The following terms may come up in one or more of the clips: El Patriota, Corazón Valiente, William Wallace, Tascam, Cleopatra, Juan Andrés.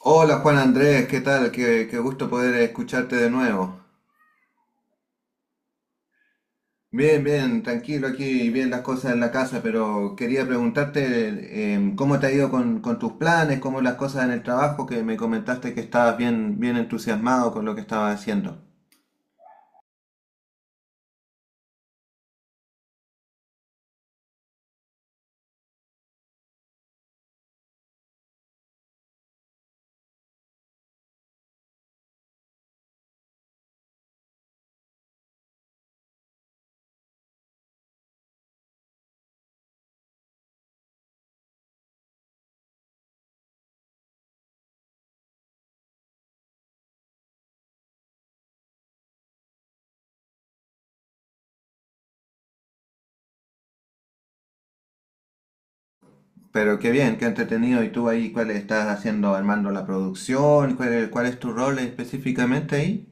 Hola Juan Andrés, ¿qué tal? Qué gusto poder escucharte de nuevo. Bien, bien, tranquilo aquí, bien las cosas en la casa, pero quería preguntarte cómo te ha ido con tus planes, cómo las cosas en el trabajo, que me comentaste que estabas bien, bien entusiasmado con lo que estabas haciendo. Pero qué bien, qué entretenido. ¿Y tú ahí cuál estás haciendo, armando la producción? ¿Cuál, cuál es tu rol específicamente ahí?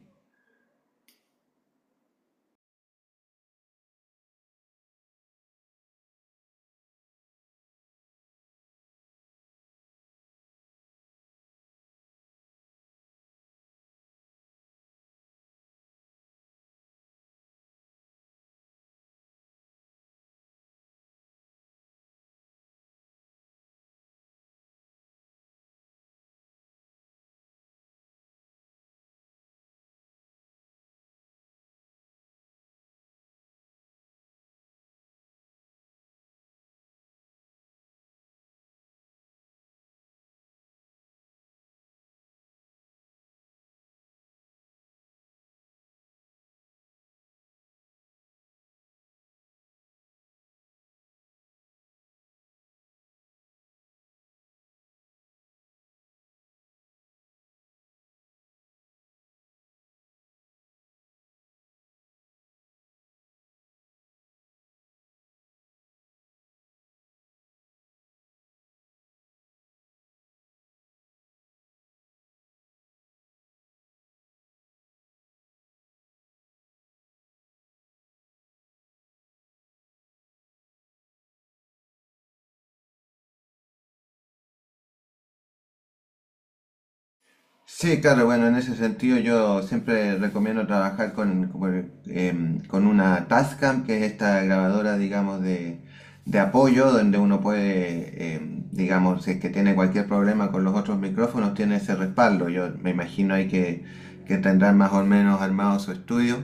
Sí, claro, bueno, en ese sentido yo siempre recomiendo trabajar con una Tascam, que es esta grabadora, digamos, de apoyo, donde uno puede, digamos, si es que tiene cualquier problema con los otros micrófonos, tiene ese respaldo. Yo me imagino ahí que tendrán más o menos armado su estudio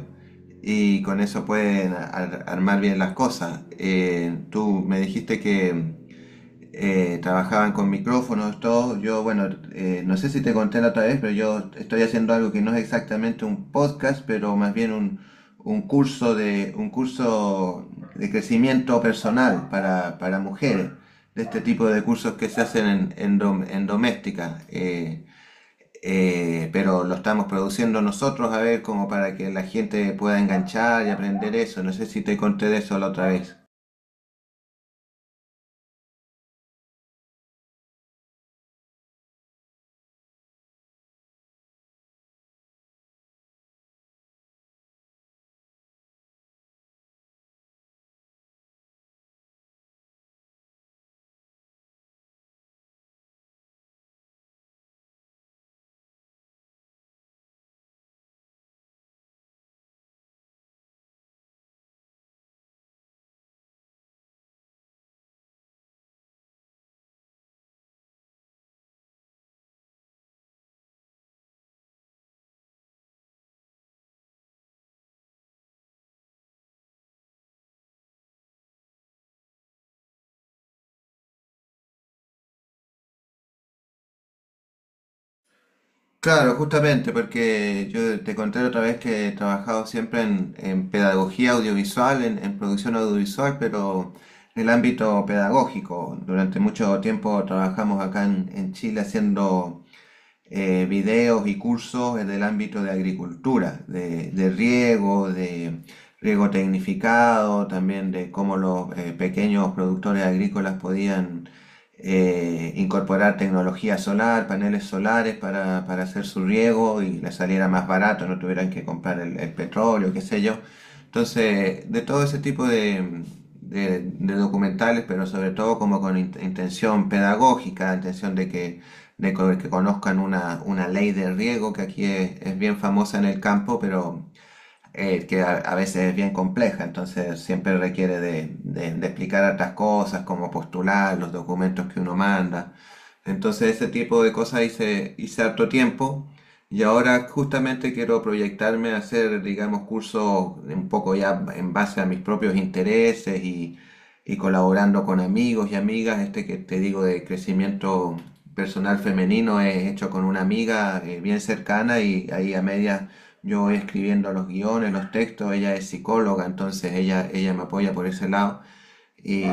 y con eso pueden armar bien las cosas. Tú me dijiste que trabajaban con micrófonos, todo. Yo, bueno, no sé si te conté la otra vez, pero yo estoy haciendo algo que no es exactamente un podcast, pero más bien un curso un curso de crecimiento personal para mujeres, de este tipo de cursos que se hacen en doméstica. Pero lo estamos produciendo nosotros, a ver, como para que la gente pueda enganchar y aprender eso. No sé si te conté de eso la otra vez. Claro, justamente, porque yo te conté la otra vez que he trabajado siempre en pedagogía audiovisual, en producción audiovisual, pero en el ámbito pedagógico. Durante mucho tiempo trabajamos acá en Chile haciendo videos y cursos en el ámbito de agricultura, de riego tecnificado, también de cómo los pequeños productores agrícolas podían incorporar tecnología solar, paneles solares para hacer su riego y les saliera más barato, no tuvieran que comprar el petróleo, qué sé yo. Entonces, de todo ese tipo de documentales, pero sobre todo como con intención pedagógica, intención de que conozcan una ley de riego que aquí es bien famosa en el campo, pero que a veces es bien compleja, entonces siempre requiere de explicar otras cosas, como postular, los documentos que uno manda. Entonces ese tipo de cosas hice, hice harto tiempo y ahora justamente quiero proyectarme a hacer, digamos, cursos un poco ya en base a mis propios intereses y colaborando con amigos y amigas. Este que te digo de crecimiento personal femenino es hecho con una amiga bien cercana y ahí a medias yo voy escribiendo los guiones, los textos, ella es psicóloga, entonces ella me apoya por ese lado y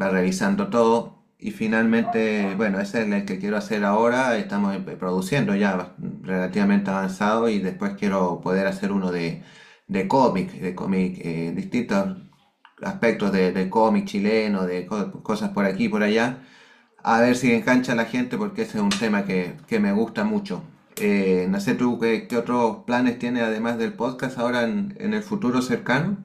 va revisando todo. Y finalmente, bueno, ese es el que quiero hacer ahora, estamos produciendo ya relativamente avanzado y después quiero poder hacer uno de cómic, distintos aspectos de cómic chileno, de cosas por aquí y por allá. A ver si engancha a la gente porque ese es un tema que me gusta mucho. No sé tú qué, qué otros planes tiene además del podcast ahora en el futuro cercano.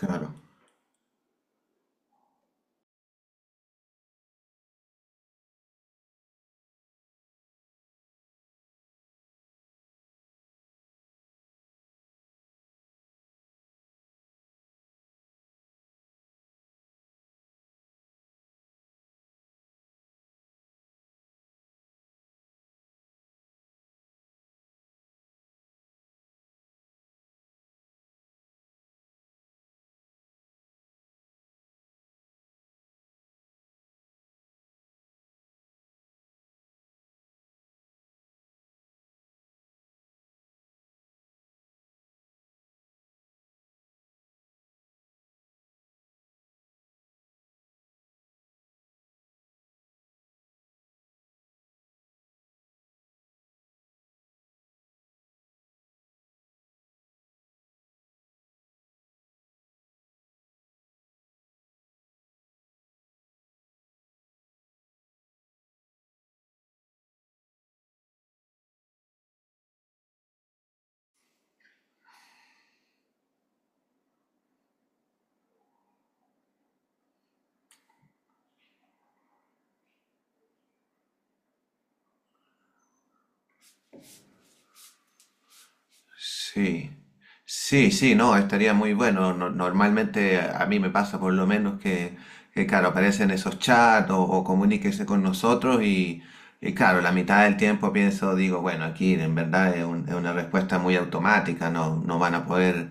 Claro. Sí, sí, sí, no, estaría muy bueno. Normalmente a mí me pasa por lo menos que, claro, aparecen esos chats o comuníquese con nosotros y, claro, la mitad del tiempo pienso, digo, bueno, aquí en verdad es, es una respuesta muy automática, no, no van a poder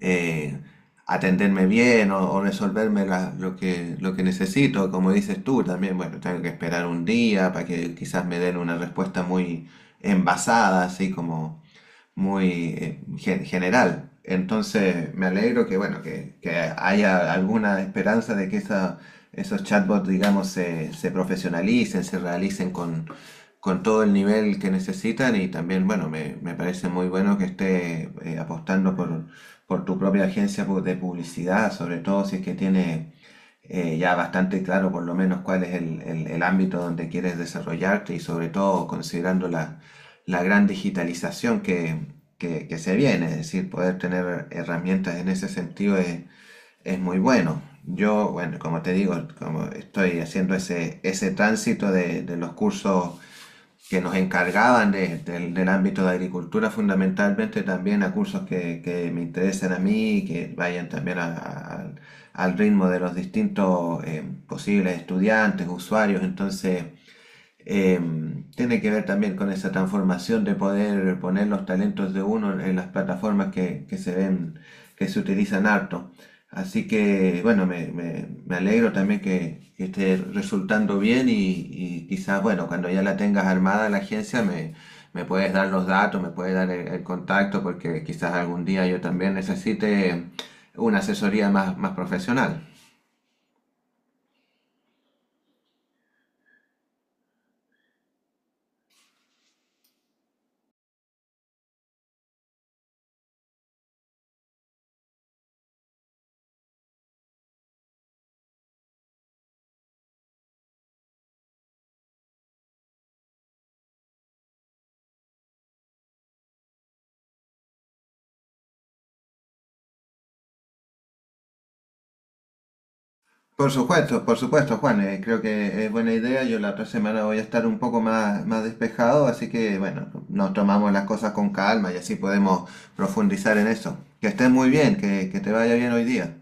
eh, atenderme bien o resolverme lo lo que necesito. Como dices tú también, bueno, tengo que esperar un día para que quizás me den una respuesta muy envasada, así como muy general. Entonces, me alegro que, bueno, que haya alguna esperanza de que esos chatbots, digamos, se profesionalicen, se realicen con todo el nivel que necesitan y también, bueno, me parece muy bueno que esté apostando por tu propia agencia de publicidad, sobre todo si es que tiene ya bastante claro por lo menos cuál es el ámbito donde quieres desarrollarte y sobre todo considerando la gran digitalización que se viene, es decir, poder tener herramientas en ese sentido es muy bueno. Yo, bueno, como te digo, como estoy haciendo ese tránsito de los cursos que nos encargaban del ámbito de agricultura fundamentalmente también a cursos que me interesen a mí y que vayan también al al ritmo de los distintos posibles estudiantes, usuarios. Entonces, eh, tiene que ver también con esa transformación de poder poner los talentos de uno en las plataformas que se ven, que se utilizan harto. Así que, bueno, me alegro también que esté resultando bien y quizás, bueno, cuando ya la tengas armada la agencia, me puedes dar los datos, me puedes dar el contacto, porque quizás algún día yo también necesite una asesoría más, más profesional. Por supuesto, Juan. Creo que es buena idea. Yo la otra semana voy a estar un poco más, más despejado, así que bueno, nos tomamos las cosas con calma y así podemos profundizar en eso. Que estés muy bien, que te vaya bien hoy día.